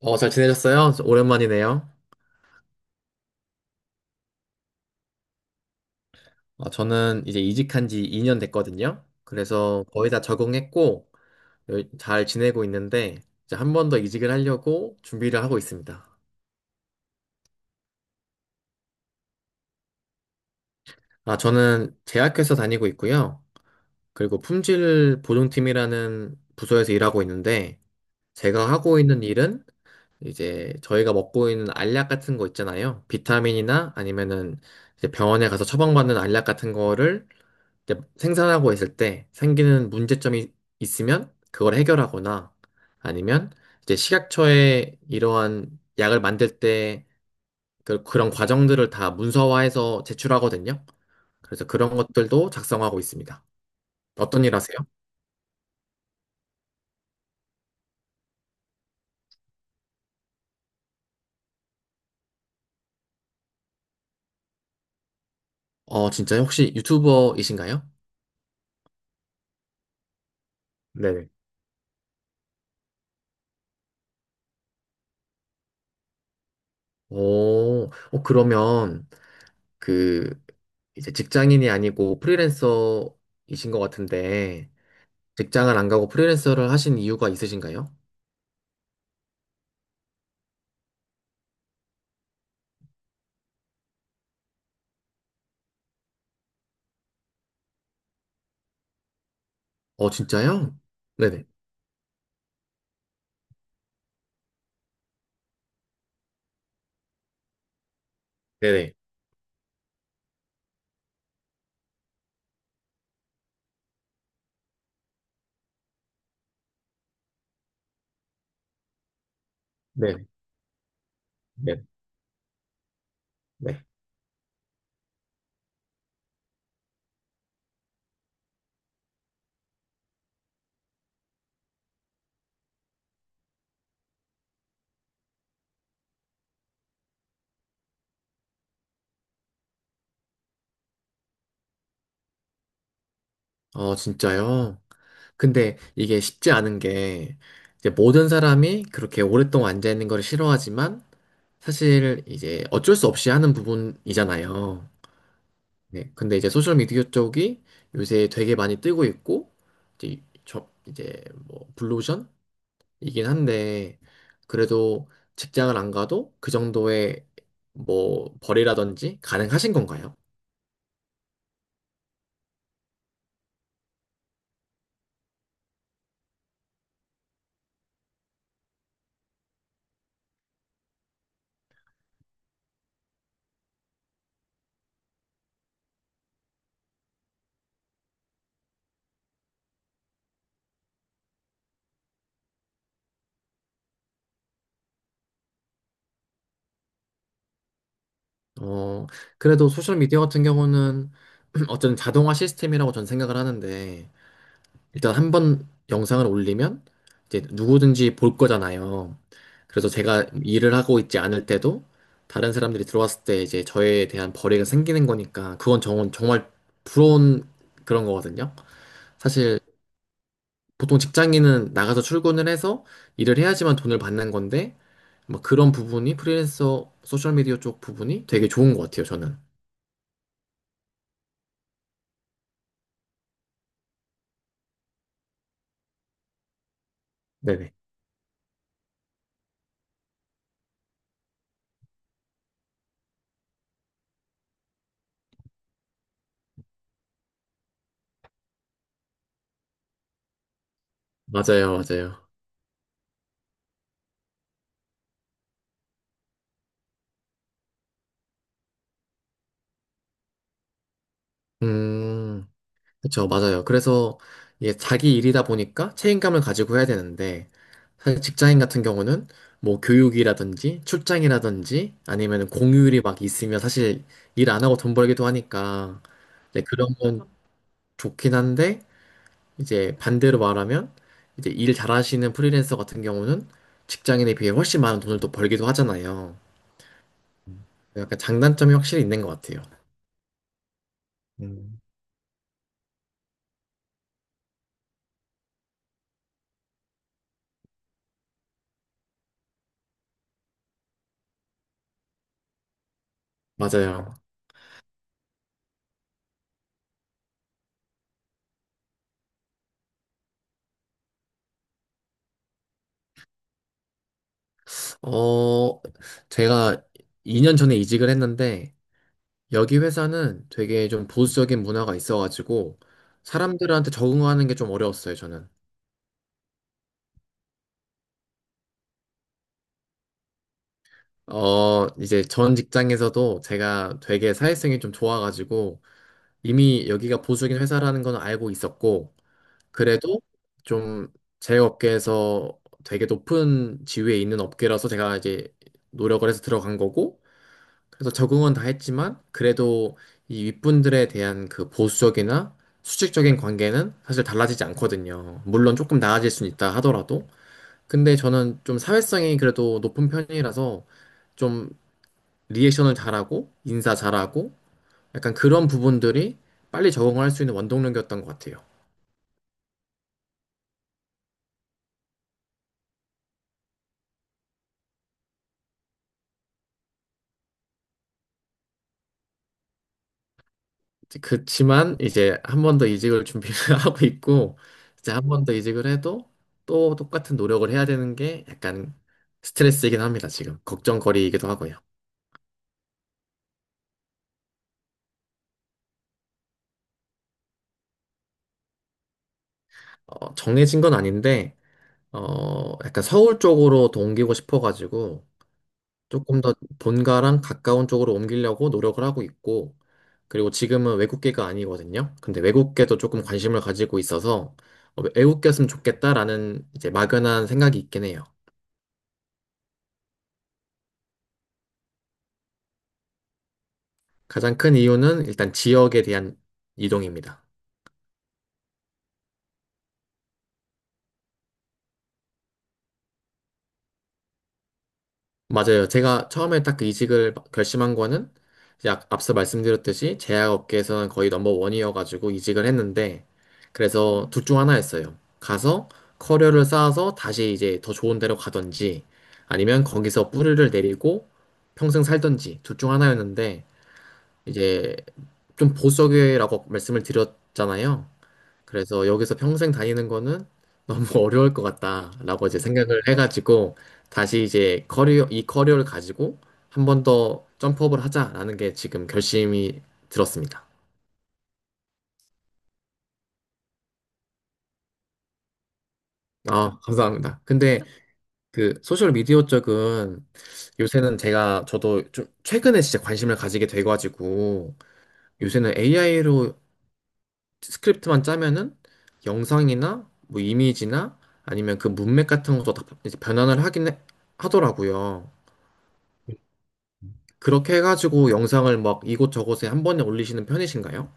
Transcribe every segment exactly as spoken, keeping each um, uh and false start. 어, 잘 지내셨어요? 오랜만이네요. 어, 저는 이제 이직한 지 이 년 됐거든요. 그래서 거의 다 적응했고, 여- 잘 지내고 있는데, 이제 한 번 더 이직을 하려고 준비를 하고 있습니다. 아, 저는 제약회사 다니고 있고요. 그리고 품질 보증팀이라는 부서에서 일하고 있는데, 제가 하고 있는 일은 이제 저희가 먹고 있는 알약 같은 거 있잖아요. 비타민이나 아니면은 이제 병원에 가서 처방받는 알약 같은 거를 이제 생산하고 있을 때 생기는 문제점이 있으면 그걸 해결하거나 아니면 이제 식약처에 이러한 약을 만들 때 그- 그런 과정들을 다 문서화해서 제출하거든요. 그래서 그런 것들도 작성하고 있습니다. 어떤 일 하세요? 어, 진짜요? 혹시 유튜버이신가요? 네네. 오, 어, 그러면 그 이제 직장인이 아니고 프리랜서이신 것 같은데 직장을 안 가고 프리랜서를 하신 이유가 있으신가요? 어, 진짜요? 네네. 네네. 네, 네, 네. 어, 진짜요? 근데 이게 쉽지 않은 게, 이제 모든 사람이 그렇게 오랫동안 앉아있는 걸 싫어하지만, 사실 이제 어쩔 수 없이 하는 부분이잖아요. 네. 근데 이제 소셜미디어 쪽이 요새 되게 많이 뜨고 있고, 이제, 저, 이제 뭐, 블루오션이긴 한데, 그래도 직장을 안 가도 그 정도의 뭐, 벌이라든지 가능하신 건가요? 어, 그래도 소셜미디어 같은 경우는 어쨌든 자동화 시스템이라고 저는 생각을 하는데, 일단 한번 영상을 올리면 이제 누구든지 볼 거잖아요. 그래서 제가 일을 하고 있지 않을 때도 다른 사람들이 들어왔을 때 이제 저에 대한 벌이가 생기는 거니까, 그건 정, 정말 부러운 그런 거거든요. 사실 보통 직장인은 나가서 출근을 해서 일을 해야지만 돈을 받는 건데, 뭐 그런 부분이 프리랜서 소셜미디어 쪽 부분이 되게 좋은 것 같아요, 저는. 네네. 맞아요, 맞아요. 음, 그쵸, 맞아요. 그래서 이게 자기 일이다 보니까 책임감을 가지고 해야 되는데, 사실 직장인 같은 경우는 뭐 교육이라든지 출장이라든지 아니면 공휴일이 막 있으면 사실 일 안 하고 돈 벌기도 하니까, 네, 그러면 좋긴 한데, 이제 반대로 말하면, 이제 일 잘하시는 프리랜서 같은 경우는 직장인에 비해 훨씬 많은 돈을 또 벌기도 하잖아요. 약간 장단점이 확실히 있는 것 같아요. 음, 맞아요. 어, 제가 이 년 전에 이직을 했는데, 여기 회사는 되게 좀 보수적인 문화가 있어가지고, 사람들한테 적응하는 게 좀 어려웠어요, 저는. 어, 이제 전 직장에서도 제가 되게 사회성이 좀 좋아가지고, 이미 여기가 보수적인 회사라는 건 알고 있었고, 그래도 좀 제 업계에서 되게 높은 지위에 있는 업계라서 제가 이제 노력을 해서 들어간 거고, 그래서 적응은 다 했지만 그래도 이 윗분들에 대한 그 보수적이나 수직적인 관계는 사실 달라지지 않거든요. 물론 조금 나아질 수는 있다 하더라도. 근데 저는 좀 사회성이 그래도 높은 편이라서 좀 리액션을 잘하고 인사 잘하고 약간 그런 부분들이 빨리 적응할 수 있는 원동력이었던 것 같아요. 그치만 이제 한 번 더 이직을 준비를 하고 있고 이제 한 번 더 이직을 해도 또 똑같은 노력을 해야 되는 게 약간 스트레스이긴 합니다. 지금 걱정거리이기도 하고요. 어, 정해진 건 아닌데 어, 약간 서울 쪽으로 더 옮기고 싶어가지고 조금 더 본가랑 가까운 쪽으로 옮기려고 노력을 하고 있고 그리고 지금은 외국계가 아니거든요. 근데 외국계도 조금 관심을 가지고 있어서 어, 외국계였으면 좋겠다라는 이제 막연한 생각이 있긴 해요. 가장 큰 이유는 일단 지역에 대한 이동입니다. 맞아요. 제가 처음에 딱 그 이직을 결심한 거는 이제 앞- 앞서 말씀드렸듯이 제약업계에서는 거의 넘버원이어가지고 이직을 했는데 그래서 둘 중 하나였어요. 가서 커리어를 쌓아서 다시 이제 더 좋은 데로 가든지 아니면 거기서 뿌리를 내리고 평생 살든지 둘 중 하나였는데 이제 좀 보수적이라고 말씀을 드렸잖아요. 그래서 여기서 평생 다니는 거는 너무 어려울 것 같다라고 이제 생각을 해가지고 다시 이제 커리어, 이 커리어를 가지고 한 번 더 점프업을 하자라는 게 지금 결심이 들었습니다. 아, 감사합니다. 근데 그 소셜 미디어 쪽은 요새는 제가 저도 좀 최근에 진짜 관심을 가지게 돼가지고 요새는 에이아이로 스크립트만 짜면은 영상이나 뭐 이미지나 아니면 그 문맥 같은 것도 다 이제 변환을 하긴 해- 하더라고요. 그렇게 해가지고 영상을 막 이곳저곳에 한 번에 올리시는 편이신가요?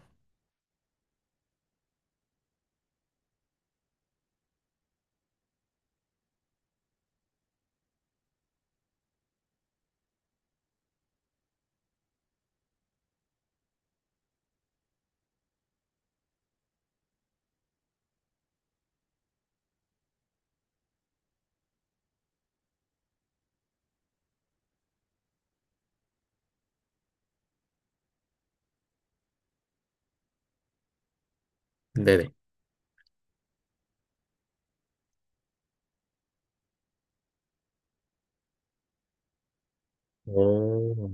네네. 오.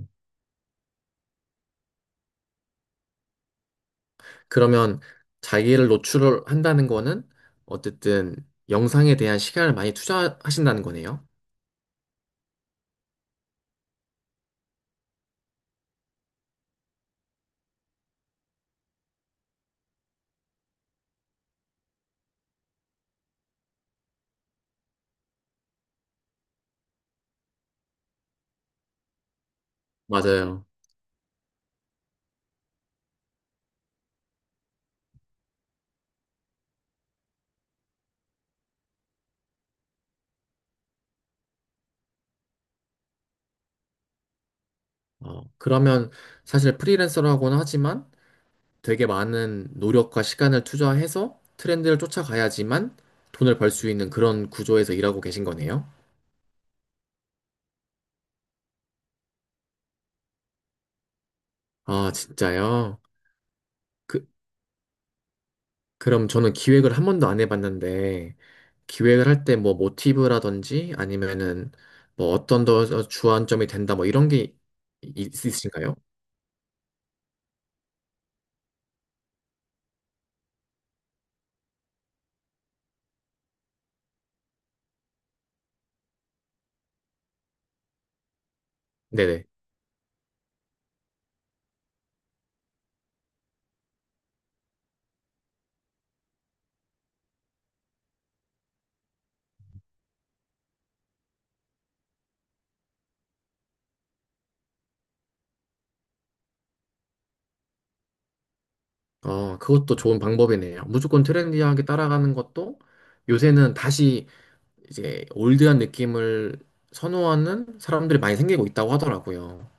그러면 자기를 노출을 한다는 거는 어쨌든 영상에 대한 시간을 많이 투자하신다는 거네요. 맞아요. 어, 그러면 사실 프리랜서라고는 하지만 되게 많은 노력과 시간을 투자해서 트렌드를 쫓아가야지만 돈을 벌 수 있는 그런 구조에서 일하고 계신 거네요. 아, 진짜요? 그, 그럼 저는 기획을 한 번도 안 해봤는데, 기획을 할 때 뭐 모티브라든지 아니면은 뭐 어떤 더 주안점이 된다 뭐 이런 게 있- 있으신가요? 네네. 어, 그것도 좋은 방법이네요. 무조건 트렌디하게 따라가는 것도 요새는 다시 이제 올드한 느낌을 선호하는 사람들이 많이 생기고 있다고 하더라고요.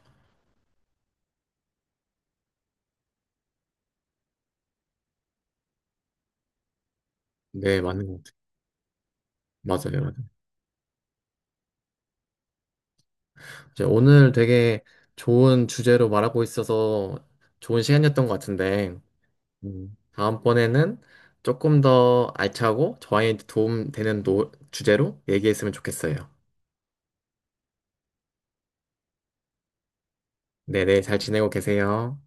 네, 맞는 것 같아요. 맞아요, 맞아요. 이제 오늘 되게 좋은 주제로 말하고 있어서 좋은 시간이었던 것 같은데, 음. 다음번에는 조금 더 알차고 저한테 도움되는 노, 주제로 얘기했으면 좋겠어요. 네네, 잘 지내고 계세요.